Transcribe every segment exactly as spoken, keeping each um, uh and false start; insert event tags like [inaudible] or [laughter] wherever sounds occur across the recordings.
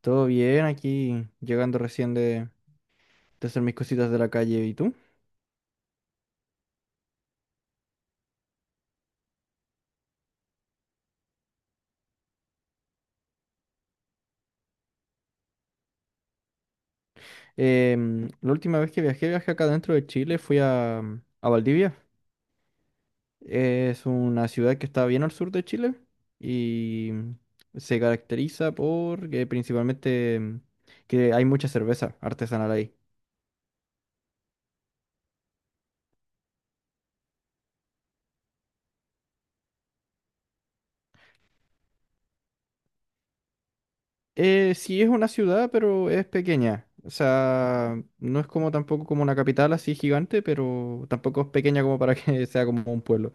Todo bien, aquí llegando recién de, de hacer mis cositas de la calle. ¿Y tú? Em, la última vez que viajé, viajé acá dentro de Chile, fui a, a Valdivia. Es una ciudad que está bien al sur de Chile y se caracteriza por que principalmente em, que hay mucha cerveza artesanal ahí. Eh, sí es una ciudad, pero es pequeña. O sea, no es como tampoco como una capital así gigante, pero tampoco es pequeña como para que [laughs] sea como un pueblo.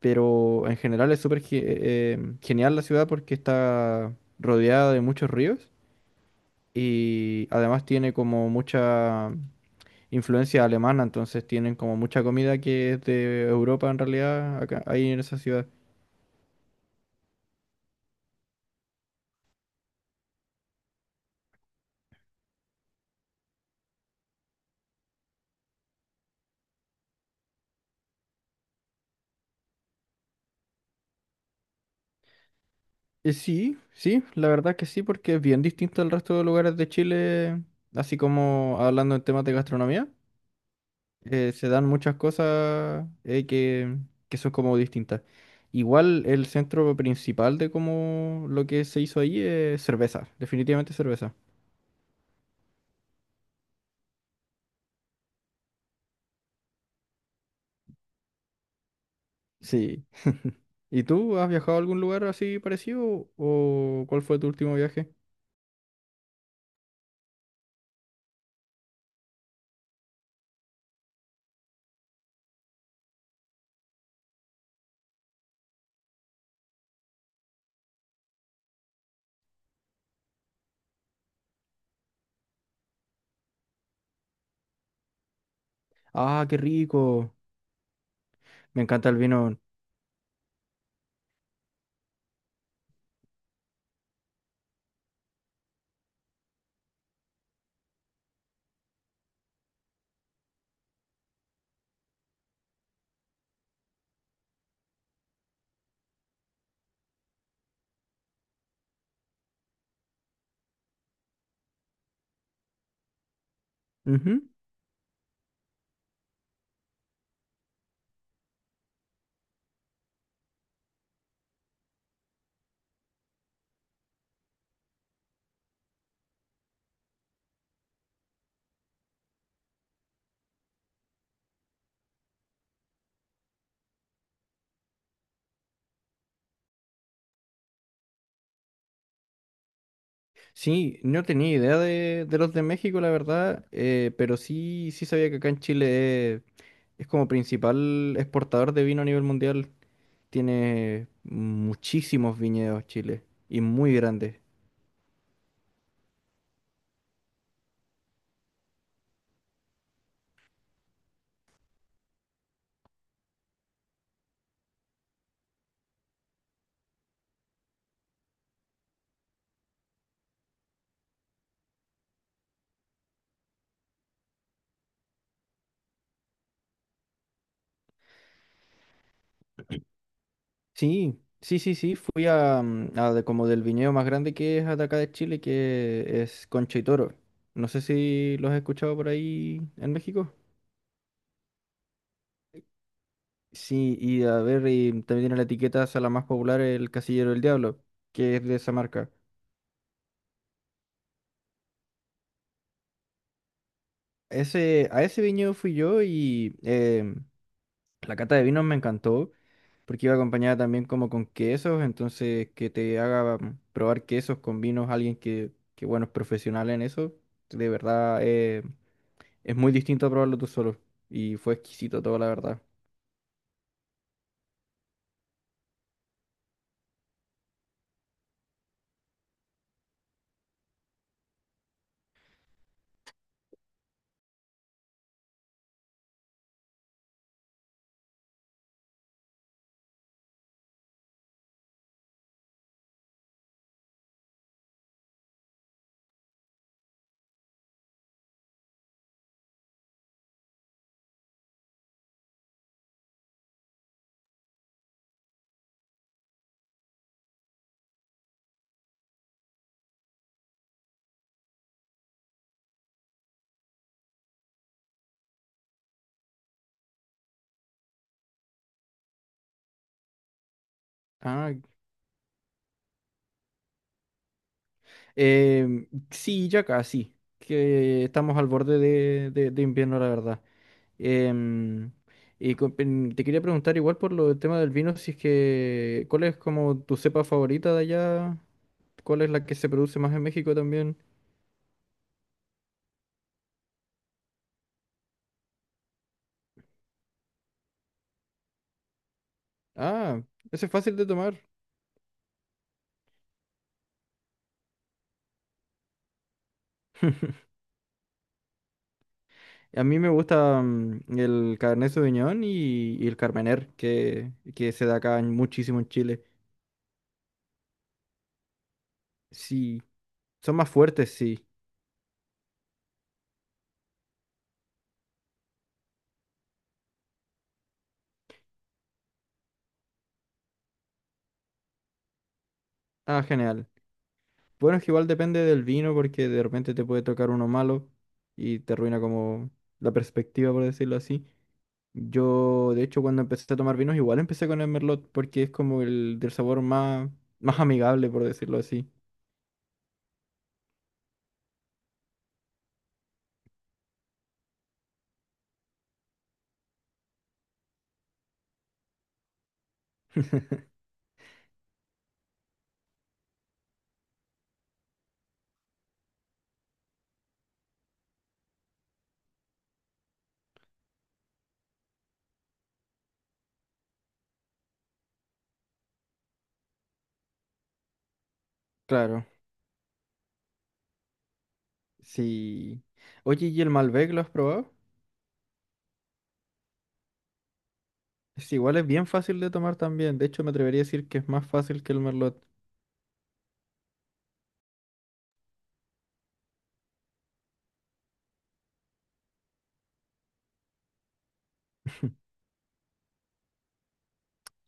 Pero en general es súper ge- eh, em, genial la ciudad porque está rodeada de muchos ríos y además tiene como mucha influencia alemana, entonces tienen como mucha comida que es de Europa en realidad, acá, ahí en esa ciudad. Eh, sí, sí, la verdad que sí, porque es bien distinto al resto de lugares de Chile, así como hablando en temas de gastronomía. Eh, se dan muchas cosas eh, que, que son como distintas. Igual el centro principal de como lo que se hizo ahí es cerveza, definitivamente cerveza. Sí. ¿Y tú has viajado a algún lugar así parecido o cuál fue tu último viaje? Ah, qué rico. Me encanta el vino. Ujú. Sí, no tenía idea de, de los de México, la verdad, eh, pero sí, sí sabía que acá en Chile es, es como principal exportador de vino a nivel mundial. Tiene muchísimos viñedos Chile y muy grandes. Sí, sí, sí, sí. Fui a, mm, a de- como del viñedo más grande que es de acá de Chile, que es Concha y Toro. No sé si los has escuchado por ahí en México. Sí, y a ver, y también tiene la etiqueta, o sea, la más popular, el Casillero del Diablo, que es de esa marca. Ese, a ese viñedo fui yo y em, la cata de vinos me encantó, porque iba acompañada también como con quesos, entonces que te haga mm, probar quesos con vinos alguien que, que bueno, es profesional en eso, de verdad, eh, es muy distinto a probarlo tú solo y fue exquisito todo, la verdad. Ah, em, sí, ya casi, que estamos al borde de, de- de invierno, la verdad. Em, y con- en- te quería preguntar igual por lo del tema del vino, si es que, ¿cuál es como tu cepa favorita de allá? ¿Cuál es la que se produce más en México también? Ah, ese es fácil de tomar. [laughs] A mí me gusta mm, el Cabernet Sauvignon y, y el Carmener, que, que se da acá en- muchísimo en Chile. Sí, son más fuertes, sí. Ah, genial. Bueno, es que igual depende del vino, porque de repente te puede tocar uno malo y te arruina como la perspectiva, por decirlo así. Yo, de hecho, cuando empecé a tomar vinos, igual empecé con el Merlot, porque es como el del sabor más, más amigable, por decirlo así. [laughs] Claro. Sí. Oye, ¿y el Malbec lo has probado? Es igual, es bien fácil de tomar también. De hecho, me atrevería a decir que es más fácil que el Merlot.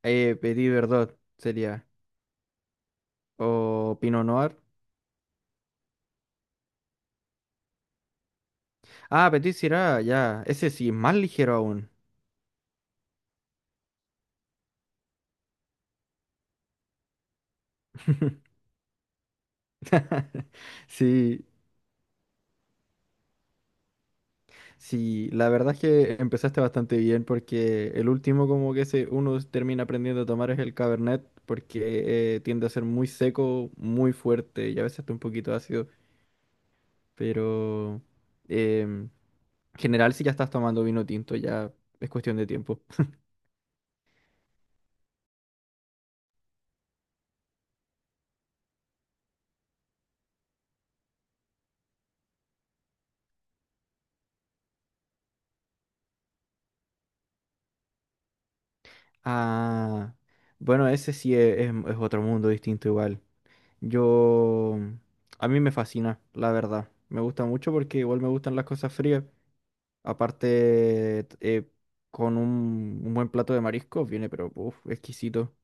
Eh, Petit Verdot sería. O Pinot Noir. Ah, Petit Syrah, ya. Ese sí, más ligero aún. [laughs] Sí, sí. La verdad es que empezaste bastante bien porque el último como que se, uno termina aprendiendo a tomar es el Cabernet porque eh, tiende a ser muy seco, muy fuerte y a veces hasta un poquito ácido. Pero em, general, si ya estás tomando vino tinto, ya es cuestión de tiempo. Ah, bueno, ese sí es, es- es otro mundo distinto igual. Yo, a mí me fascina, la verdad. Me gusta mucho porque igual me gustan las cosas frías. Aparte, t- eh, con un, un buen plato de mariscos viene, pero, uf, exquisito.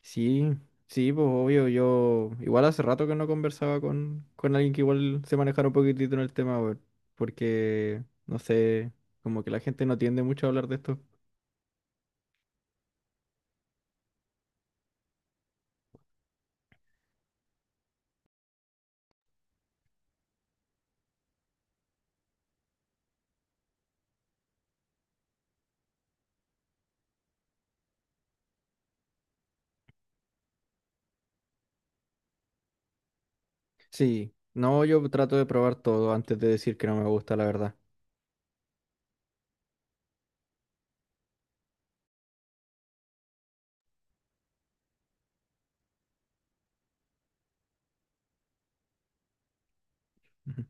Sí, sí, pues obvio, yo igual hace rato que no conversaba con, con alguien que igual se manejara un poquitito en el tema, weón, porque, no sé, como que la gente no tiende mucho a hablar de esto. Sí, no, yo trato de probar todo antes de decir que no me gusta, la verdad. Ujú.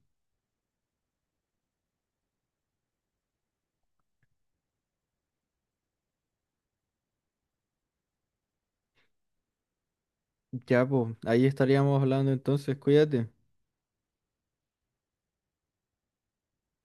Ya, pues, ahí estaríamos hablando entonces, cuídate.